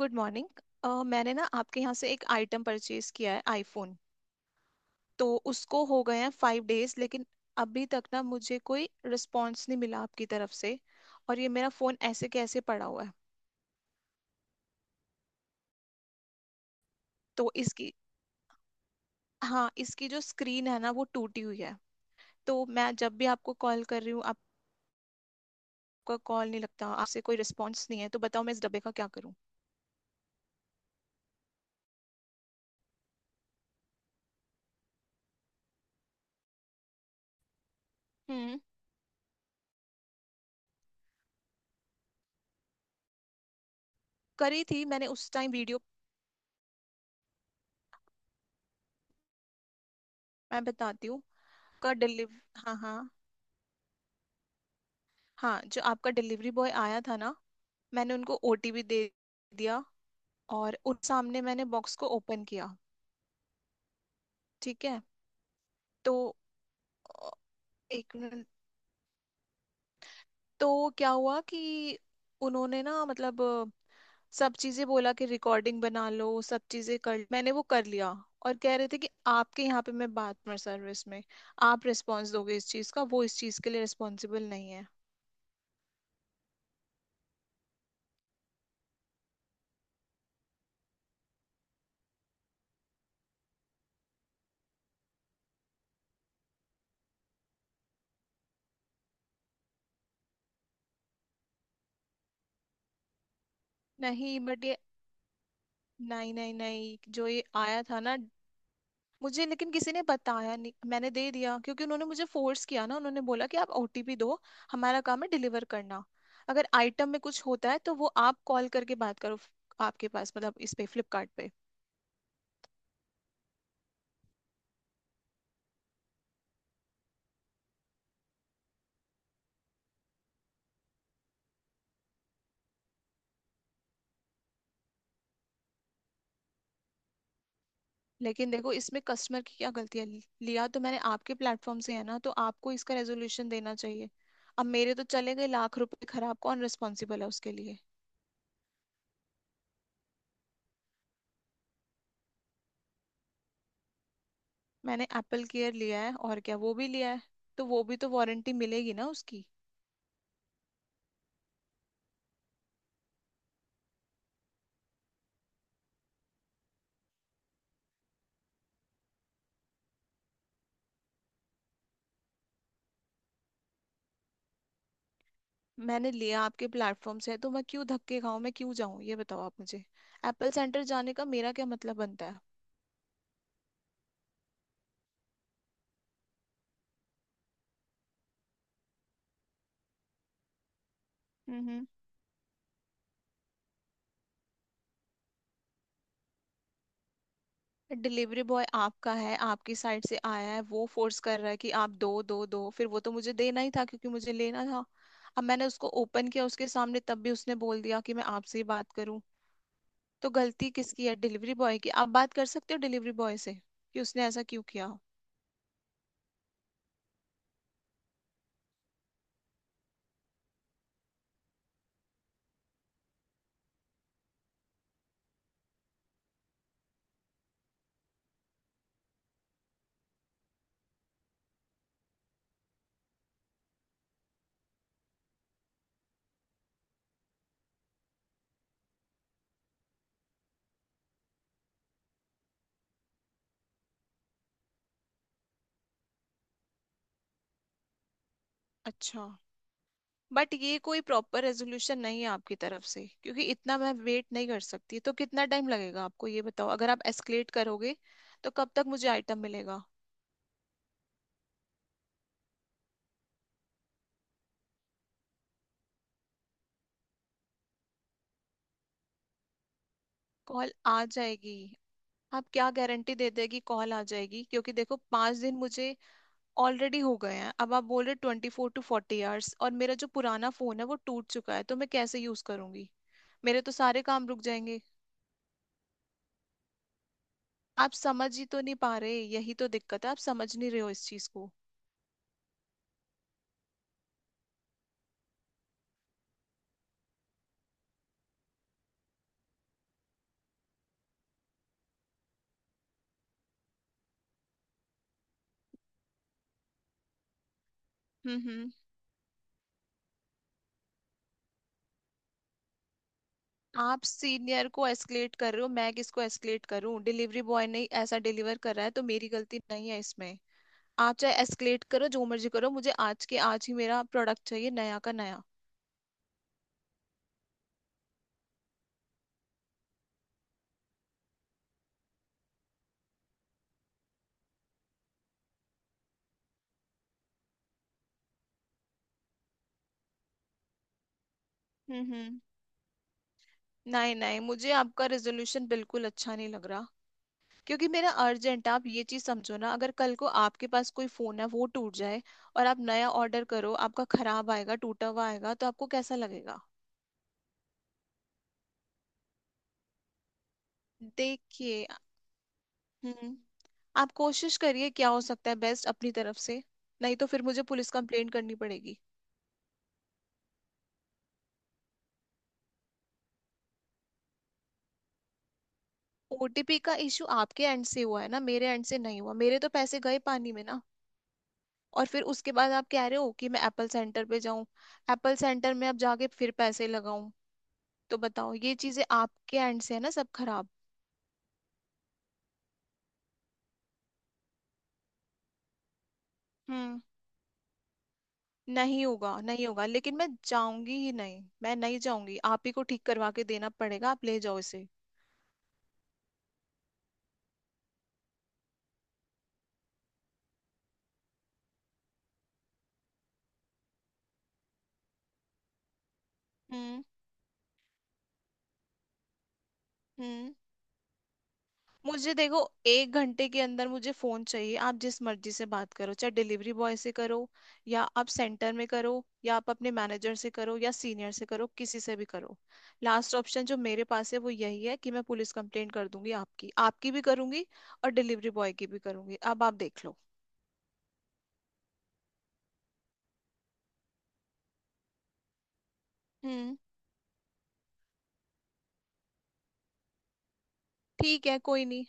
Good morning. मैंने ना आपके यहाँ से एक आइटम परचेज किया है, आईफोन। तो उसको हो गए हैं 5 डेज, लेकिन अभी तक ना मुझे कोई रिस्पॉन्स नहीं मिला आपकी तरफ से। और ये मेरा फ़ोन ऐसे के ऐसे पड़ा हुआ है। तो इसकी हाँ, इसकी जो स्क्रीन है ना, वो टूटी हुई है। तो मैं जब भी आपको कॉल कर रही हूँ, आपका कॉल नहीं लगता, आपसे कोई रिस्पॉन्स नहीं है। तो बताओ, मैं इस डब्बे का क्या करूँ। हम्म। करी थी मैंने उस टाइम, वीडियो। मैं बताती हूँ। का डिलीव हाँ हाँ। हाँ, जो आपका डिलीवरी बॉय आया था ना, मैंने उनको ओटीपी दे दिया। और उन सामने मैंने बॉक्स को ओपन किया। ठीक है। तो अ, एक मिनट। तो क्या हुआ कि उन्होंने ना, मतलब सब चीजें बोला कि रिकॉर्डिंग बना लो, सब चीजें कर। मैंने वो कर लिया। और कह रहे थे कि आपके यहाँ पे, मैं बात कस्टमर सर्विस में, आप रिस्पॉन्स दोगे इस चीज का, वो इस चीज के लिए रिस्पॉन्सिबल नहीं है। नहीं, बट ये, नहीं नहीं नहीं, जो ये आया था ना, मुझे लेकिन किसी ने बताया नहीं, मैंने दे दिया क्योंकि उन्होंने मुझे फोर्स किया ना। उन्होंने बोला कि आप ओटीपी दो, हमारा काम है डिलीवर करना, अगर आइटम में कुछ होता है तो वो आप कॉल करके बात करो। आपके पास, मतलब इस पे, फ्लिपकार्ट पे। लेकिन देखो, इसमें कस्टमर की क्या गलती है? लिया तो मैंने आपके प्लेटफॉर्म से है ना, तो आपको इसका रेजोल्यूशन देना चाहिए। अब मेरे तो चले गए लाख रुपए खराब, कौन रिस्पॉन्सिबल है उसके लिए? मैंने एप्पल केयर लिया है, और क्या वो भी लिया है, तो वो भी तो वारंटी मिलेगी ना उसकी। मैंने लिया आपके प्लेटफॉर्म से, तो मैं क्यों धक्के खाऊं, मैं क्यों जाऊं, ये बताओ आप मुझे। एप्पल सेंटर जाने का मेरा क्या मतलब बनता है? हम्म। डिलीवरी बॉय आपका है, आपकी साइड से आया है, वो फोर्स कर रहा है कि आप दो दो दो, फिर वो तो मुझे देना ही था क्योंकि मुझे लेना था। अब मैंने उसको ओपन किया उसके सामने, तब भी उसने बोल दिया कि मैं आपसे ही बात करूं। तो गलती किसकी है? डिलीवरी बॉय की। आप बात कर सकते हो डिलीवरी बॉय से कि उसने ऐसा क्यों किया। अच्छा। बट ये कोई प्रॉपर रेजोल्यूशन नहीं है आपकी तरफ से, क्योंकि इतना मैं वेट नहीं कर सकती। तो कितना टाइम लगेगा आपको, ये बताओ। अगर आप एस्केलेट करोगे तो कब तक मुझे आइटम मिलेगा? कॉल आ जाएगी, आप क्या गारंटी दे देगी कॉल आ जाएगी? क्योंकि देखो, 5 दिन मुझे ऑलरेडी हो गए हैं, अब आप बोल रहे 24 टू 40 आवर्स, और मेरा जो पुराना फोन है वो टूट चुका है, तो मैं कैसे यूज करूंगी? मेरे तो सारे काम रुक जाएंगे। आप समझ ही तो नहीं पा रहे, यही तो दिक्कत है, आप समझ नहीं रहे हो इस चीज को। हम्म। आप सीनियर को एस्केलेट कर रहे हो, मैं किसको एस्केलेट करूं? डिलीवरी बॉय ने ऐसा डिलीवर कर रहा है, तो मेरी गलती नहीं है इसमें। आप चाहे एस्केलेट करो, जो मर्जी करो, मुझे आज के आज ही मेरा प्रोडक्ट चाहिए, नया का नया। हम्म। नहीं नहीं, मुझे आपका रेजोल्यूशन बिल्कुल अच्छा नहीं लग रहा, क्योंकि मेरा अर्जेंट, आप ये चीज समझो ना, अगर कल को आपके पास कोई फोन है, वो टूट जाए और आप नया ऑर्डर करो, आपका खराब आएगा, टूटा हुआ आएगा, तो आपको कैसा लगेगा? देखिए। हम्म। आप कोशिश करिए क्या हो सकता है बेस्ट अपनी तरफ से, नहीं तो फिर मुझे पुलिस कंप्लेंट करनी पड़ेगी। ओटीपी का इशू आपके एंड से हुआ है ना, मेरे एंड से नहीं हुआ। मेरे तो पैसे गए पानी में ना। और फिर उसके बाद आप कह रहे हो कि मैं एप्पल सेंटर पे जाऊं, एप्पल सेंटर में अब जाके फिर पैसे लगाऊं। तो बताओ, ये चीजें आपके एंड से है ना सब खराब। हम्म। नहीं होगा, नहीं होगा, लेकिन मैं जाऊंगी ही नहीं, मैं नहीं जाऊंगी। आप ही को ठीक करवा के देना पड़ेगा, आप ले जाओ इसे। हम्म हम्म। मुझे देखो, 1 घंटे के अंदर मुझे फोन चाहिए। आप जिस मर्जी से बात करो, चाहे डिलीवरी बॉय से करो, या आप सेंटर में करो, या आप अपने मैनेजर से करो, या सीनियर से करो, किसी से भी करो। लास्ट ऑप्शन जो मेरे पास है वो यही है कि मैं पुलिस कंप्लेंट कर दूंगी, आपकी, आपकी भी करूंगी और डिलीवरी बॉय की भी करूंगी, अब आप देख लो। हम्म। ठीक है, कोई नहीं,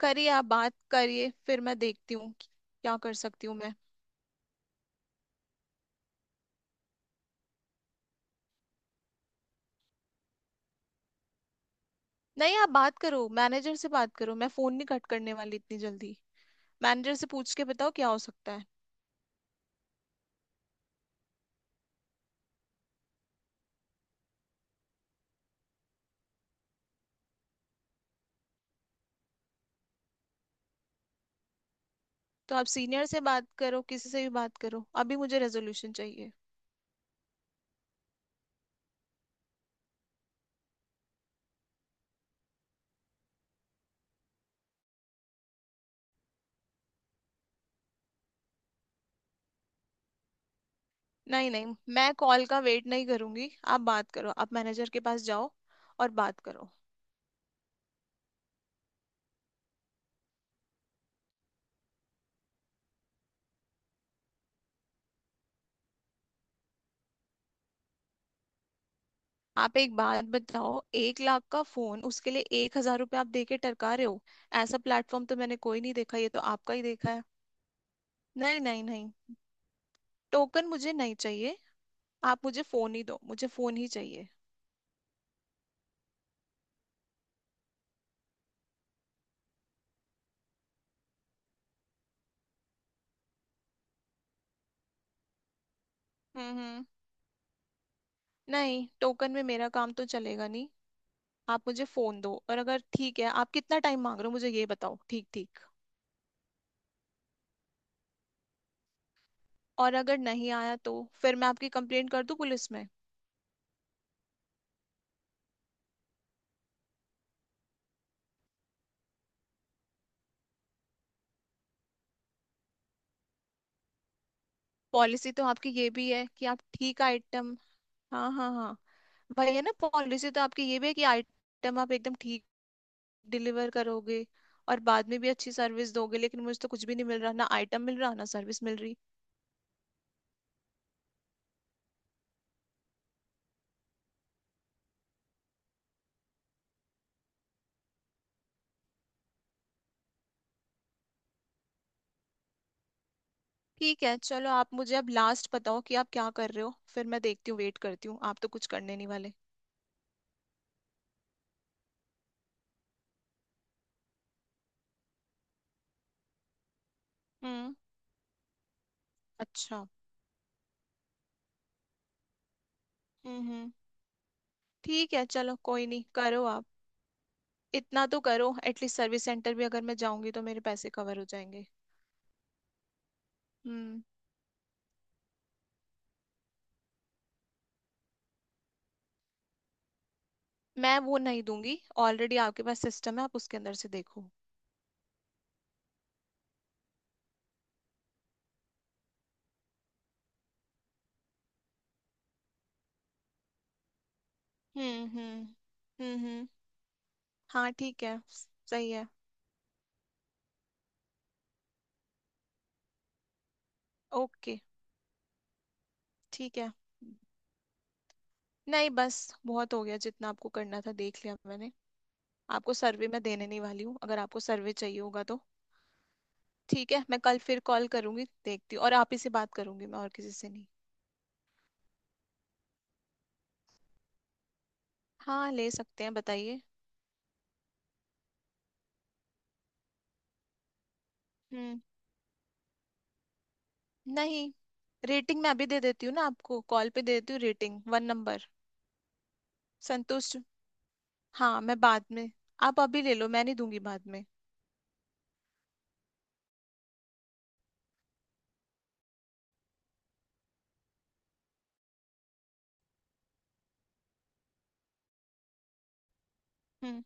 करिए आप, बात करिए, फिर मैं देखती हूँ कि क्या कर सकती हूँ मैं। नहीं, आप बात करो, मैनेजर से बात करो, मैं फोन नहीं कट करने वाली इतनी जल्दी। मैनेजर से पूछ के बताओ क्या हो सकता है। तो आप सीनियर से बात करो, किसी से भी बात करो, अभी मुझे रेजोल्यूशन चाहिए। नहीं नहीं, मैं कॉल का वेट नहीं करूंगी। आप बात करो, आप मैनेजर के पास जाओ और बात करो। आप एक बात बताओ, 1 लाख का फोन, उसके लिए 1 हजार रुपये आप दे के टरका रहे हो? ऐसा प्लेटफॉर्म तो मैंने कोई नहीं देखा, ये तो आपका ही देखा है। नहीं नहीं नहीं, टोकन मुझे नहीं चाहिए। आप मुझे फोन ही दो, मुझे फोन ही चाहिए। हम्म। नहीं, टोकन में मेरा काम तो चलेगा नहीं। आप मुझे फोन दो, और अगर ठीक है, आप कितना टाइम मांग रहे हो, मुझे ये बताओ ठीक ठीक। और अगर नहीं आया तो फिर मैं आपकी कंप्लेंट कर दूं पुलिस में? पॉलिसी तो आपकी ये भी है कि आप ठीक आइटम, हाँ हाँ हाँ, भाई है ना, पॉलिसी तो आपकी ये भी है कि आइटम आप एकदम ठीक डिलीवर करोगे और बाद में भी अच्छी सर्विस दोगे, लेकिन मुझे तो कुछ भी नहीं मिल रहा, ना आइटम मिल रहा, ना सर्विस मिल रही। ठीक है, चलो, आप मुझे अब लास्ट बताओ कि आप क्या कर रहे हो, फिर मैं देखती हूँ, वेट करती हूँ, आप तो कुछ करने नहीं वाले। हम्म। अच्छा। हम्म। ठीक है, चलो कोई नहीं, करो आप। इतना तो करो एटलीस्ट, सर्विस सेंटर भी अगर मैं जाऊंगी तो मेरे पैसे कवर हो जाएंगे। हम्म। मैं वो नहीं दूंगी, ऑलरेडी आपके पास सिस्टम है, आप उसके अंदर से देखो। हम्म। हम्म। हाँ, ठीक है। सही है। ओके, ठीक है। नहीं, बस बहुत हो गया, जितना आपको करना था देख लिया मैंने। आपको सर्वे मैं देने नहीं वाली हूँ, अगर आपको सर्वे चाहिए होगा तो। ठीक है, मैं कल फिर कॉल करूंगी, देखती हूँ, और आप ही से बात करूंगी, मैं और किसी से नहीं। हाँ, ले सकते हैं, बताइए। हम्म। नहीं, रेटिंग मैं अभी दे देती हूँ ना, आपको कॉल पे दे देती हूँ, रेटिंग 1 नंबर, संतुष्ट। हाँ, मैं बाद में, आप अभी ले लो, मैं नहीं दूंगी बाद में। हम्म।